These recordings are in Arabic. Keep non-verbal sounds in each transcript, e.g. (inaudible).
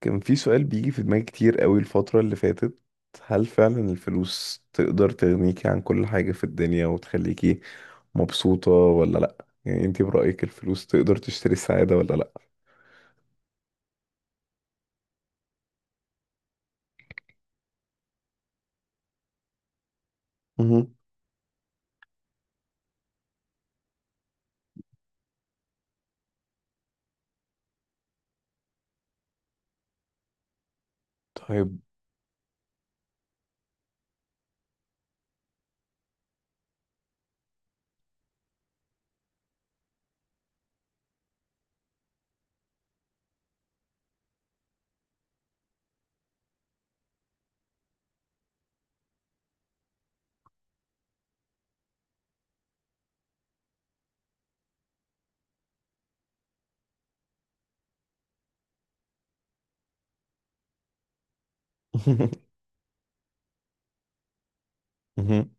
كان في سؤال بيجي في دماغي كتير قوي الفترة اللي فاتت. هل فعلا الفلوس تقدر تغنيكي عن كل حاجة في الدنيا وتخليكي مبسوطة ولا لأ؟ يعني انتي برأيك الفلوس تقدر تشتري السعادة ولا لأ؟ مهم. طيب. (laughs) مهم.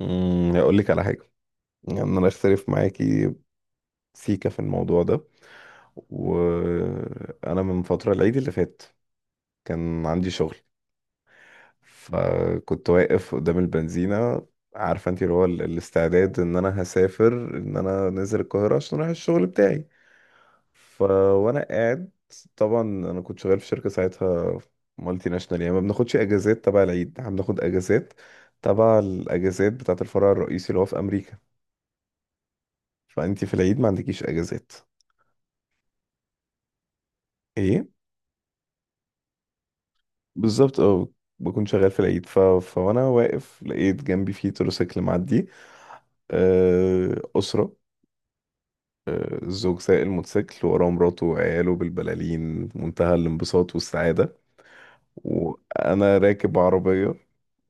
مم، هقولك على حاجة. يعني أنا أختلف معاكي سيكا في الموضوع ده. وأنا من فترة العيد اللي فات كان عندي شغل، فكنت واقف قدام البنزينة. عارفة انت اللي هو الاستعداد ان انا هسافر، ان انا نازل القاهرة عشان اروح الشغل بتاعي. ف وانا قاعد، طبعا انا كنت شغال في شركة ساعتها مالتي ناشونال، يعني ما بناخدش اجازات تبع العيد، احنا بناخد اجازات تبع الاجازات بتاعة الفرع الرئيسي اللي هو في امريكا. فانت في العيد ما عندكيش اجازات. ايه بالظبط اه. بكون شغال في العيد ف... فوانا واقف لقيت جنبي في تروسيكل معدي. آه، أسرة. آه، الزوج سايق الموتوسيكل وراه مراته وعياله بالبلالين في منتهى الانبساط والسعادة. وأنا راكب عربية،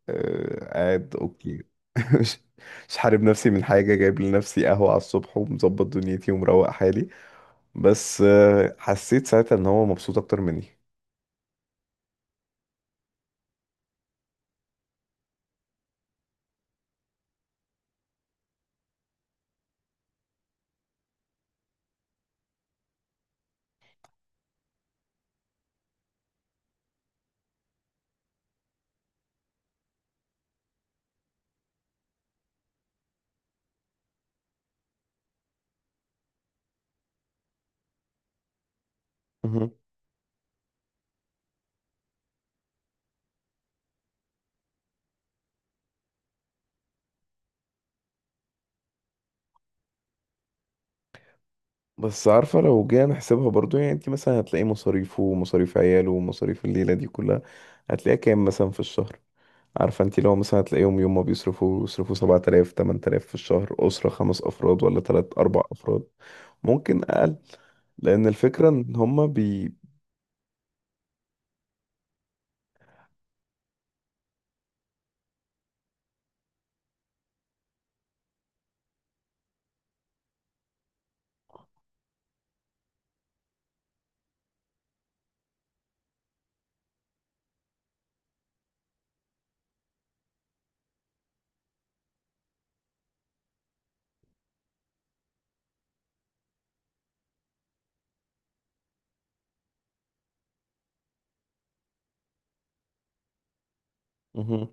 آه، قاعد أوكي. (laughs) مش مش حارب نفسي من حاجة، جايب لنفسي قهوة على الصبح ومظبط دنيتي ومروق حالي. بس آه، حسيت ساعتها إن هو مبسوط أكتر مني. مهم. بس عارفة لو جينا نحسبها برضو، يعني انت مثلا هتلاقي مصاريفه ومصاريف عياله ومصاريف الليلة دي كلها هتلاقيها كام مثلا في الشهر؟ عارفه انت لو مثلا هتلاقيهم يوم ما بيصرفوا، يصرفوا 7000 8000 في الشهر، اسره خمس افراد ولا ثلاث اربع افراد. ممكن اقل، لان الفكره ان هما بي. مهم.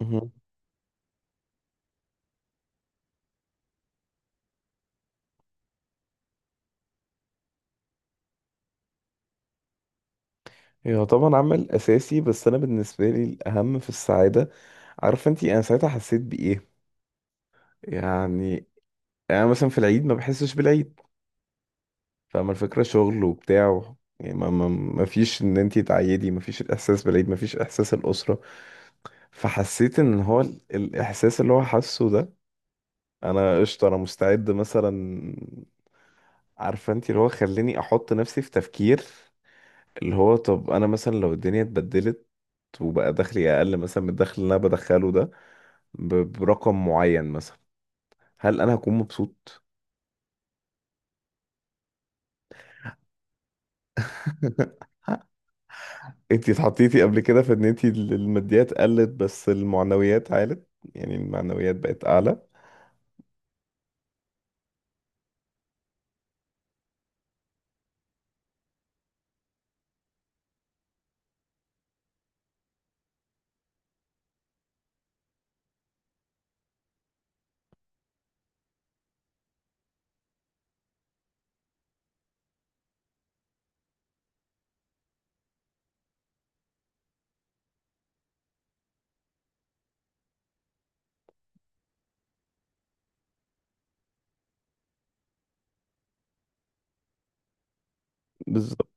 مهم. هي طبعا عمل اساسي، بس انا بالنسبه لي الاهم في السعاده. عارفه انت انا ساعتها حسيت بايه؟ يعني انا مثلا في العيد ما بحسش بالعيد، فاهمه الفكره، شغل وبتاع. يعني ما فيش ان انت تعيدي، ما فيش الاحساس بالعيد، ما فيش احساس الاسره. فحسيت ان هو الاحساس اللي هو حاسه ده، انا قشطه انا مستعد مثلا. عارفه انت اللي هو خليني احط نفسي في تفكير، اللي هو طب انا مثلا لو الدنيا اتبدلت وبقى دخلي اقل مثلا من الدخل اللي انا بدخله ده، برقم معين مثلا، هل انا هكون مبسوط؟ (laughs) انت اتحطيتي قبل كده في ان انت الماديات قلت بس المعنويات عالت، يعني المعنويات بقت اعلى. بالظبط.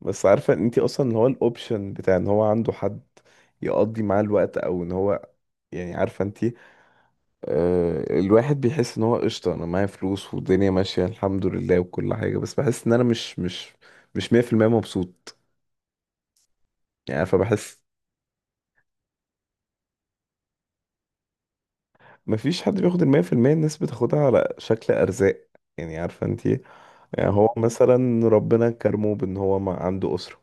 بس عارفه ان انت اصلا اللي هو الاوبشن بتاع ان هو عنده حد يقضي معاه الوقت، او ان هو، يعني عارفه انت، آه، الواحد بيحس ان هو قشطة انا معايا فلوس والدنيا ماشية الحمد لله وكل حاجة، بس بحس ان انا مش مش 100% مبسوط. يعني عارفة بحس. مفيش حد بياخد 100%، الناس بتاخدها على شكل ارزاق. يعني عارفة انتي، يعني هو مثلا ربنا كرمه بان هو ما عنده اسرة،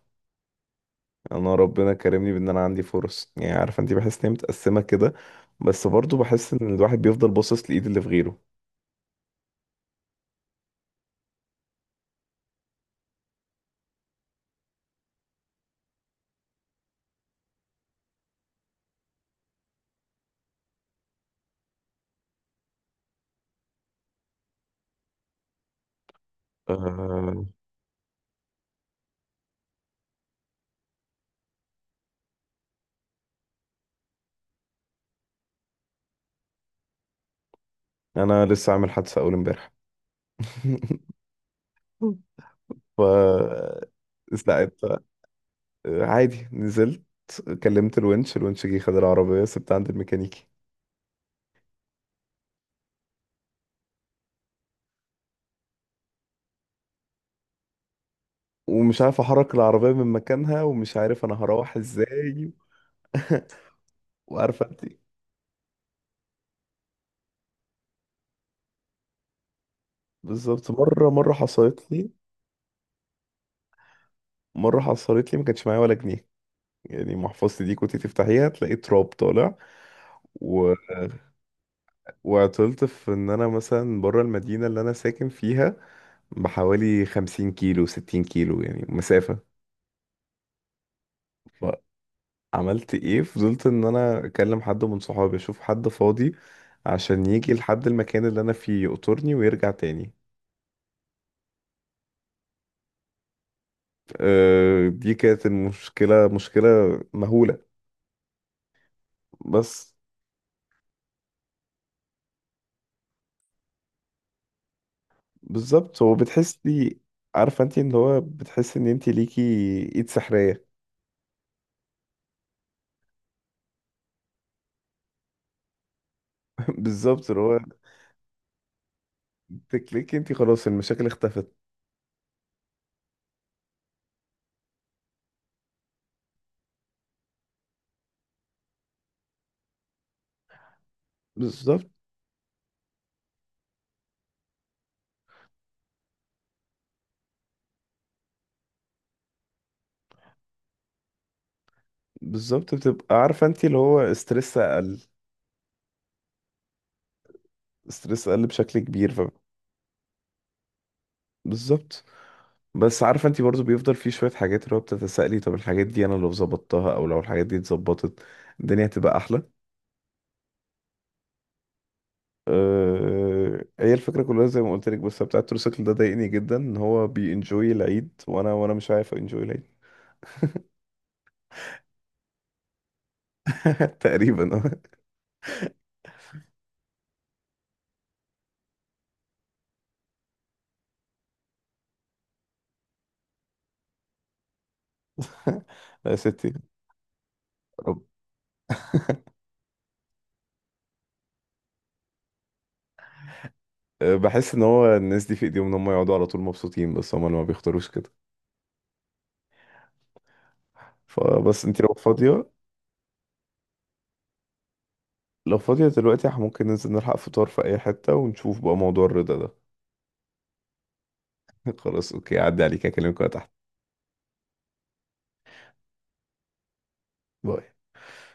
يعني انا ربنا كرمني بان انا عندي فرص، يعني عارفة انتي بحس ان هي متقسمة كده. بس برضو بحس ان الواحد بيفضل باصص لايد اللي في غيره. أه انا لسه عامل حادثة اول امبارح. (laughs) ف لا انت. آه، عادي نزلت، كلمت الونش، الونش جه خد العربية سبتها عند الميكانيكي. ومش عارف احرك العربية من مكانها ومش عارف انا هروح ازاي. (laughs) وعارفة انت. بالظبط. مرة حصلت لي ما كانش معايا ولا جنيه، يعني محفظتي دي كنت تفتحيها تلاقي تراب طالع. و... وعطلت في ان انا مثلا بره المدينة اللي انا ساكن فيها بحوالي 50 كيلو 60 كيلو يعني مسافة. ف... عملت ايه؟ فضلت ان انا اكلم حد من صحابي اشوف حد فاضي عشان يجي لحد المكان اللي انا فيه يقطرني ويرجع تاني. أه دي كانت المشكلة مهولة. بس بالظبط، هو بتحسي، عارفة انت ان هو بتحس ان انت ليكي ايد سحرية. (laughs) بالظبط، اللي هو تكليكي انت خلاص المشاكل اختفت. بالظبط بالظبط بتبقى عارفة انت اللي هو استرس اقل. استرس اقل بشكل كبير بالظبط. بس عارفه انت برضو بيفضل في شويه حاجات اللي هو بتتسائلي طب الحاجات دي انا لو ظبطتها او لو الحاجات دي اتظبطت، الدنيا هتبقى احلى. هي الفكره كلها زي ما قلت لك، بس بتاع التروسيكل ده ضايقني جدا ان هو بينجوي العيد وانا مش عارف انجوي العيد. (laughs) تقريبا اه. (laughs) يا ستي رب. (laughs) أه، بحس ان هو الناس دي في ايديهم ان هم يقعدوا على طول مبسوطين بس هم اللي ما بيختاروش كده. فبس انت لو فاضيه، لو فاضيه دلوقتي احنا ممكن ننزل نلحق فطار في اي حته ونشوف بقى موضوع الرضا ده. (laughs) خلاص اوكي، عدي عليك اكلمك وأنا تحت. باي.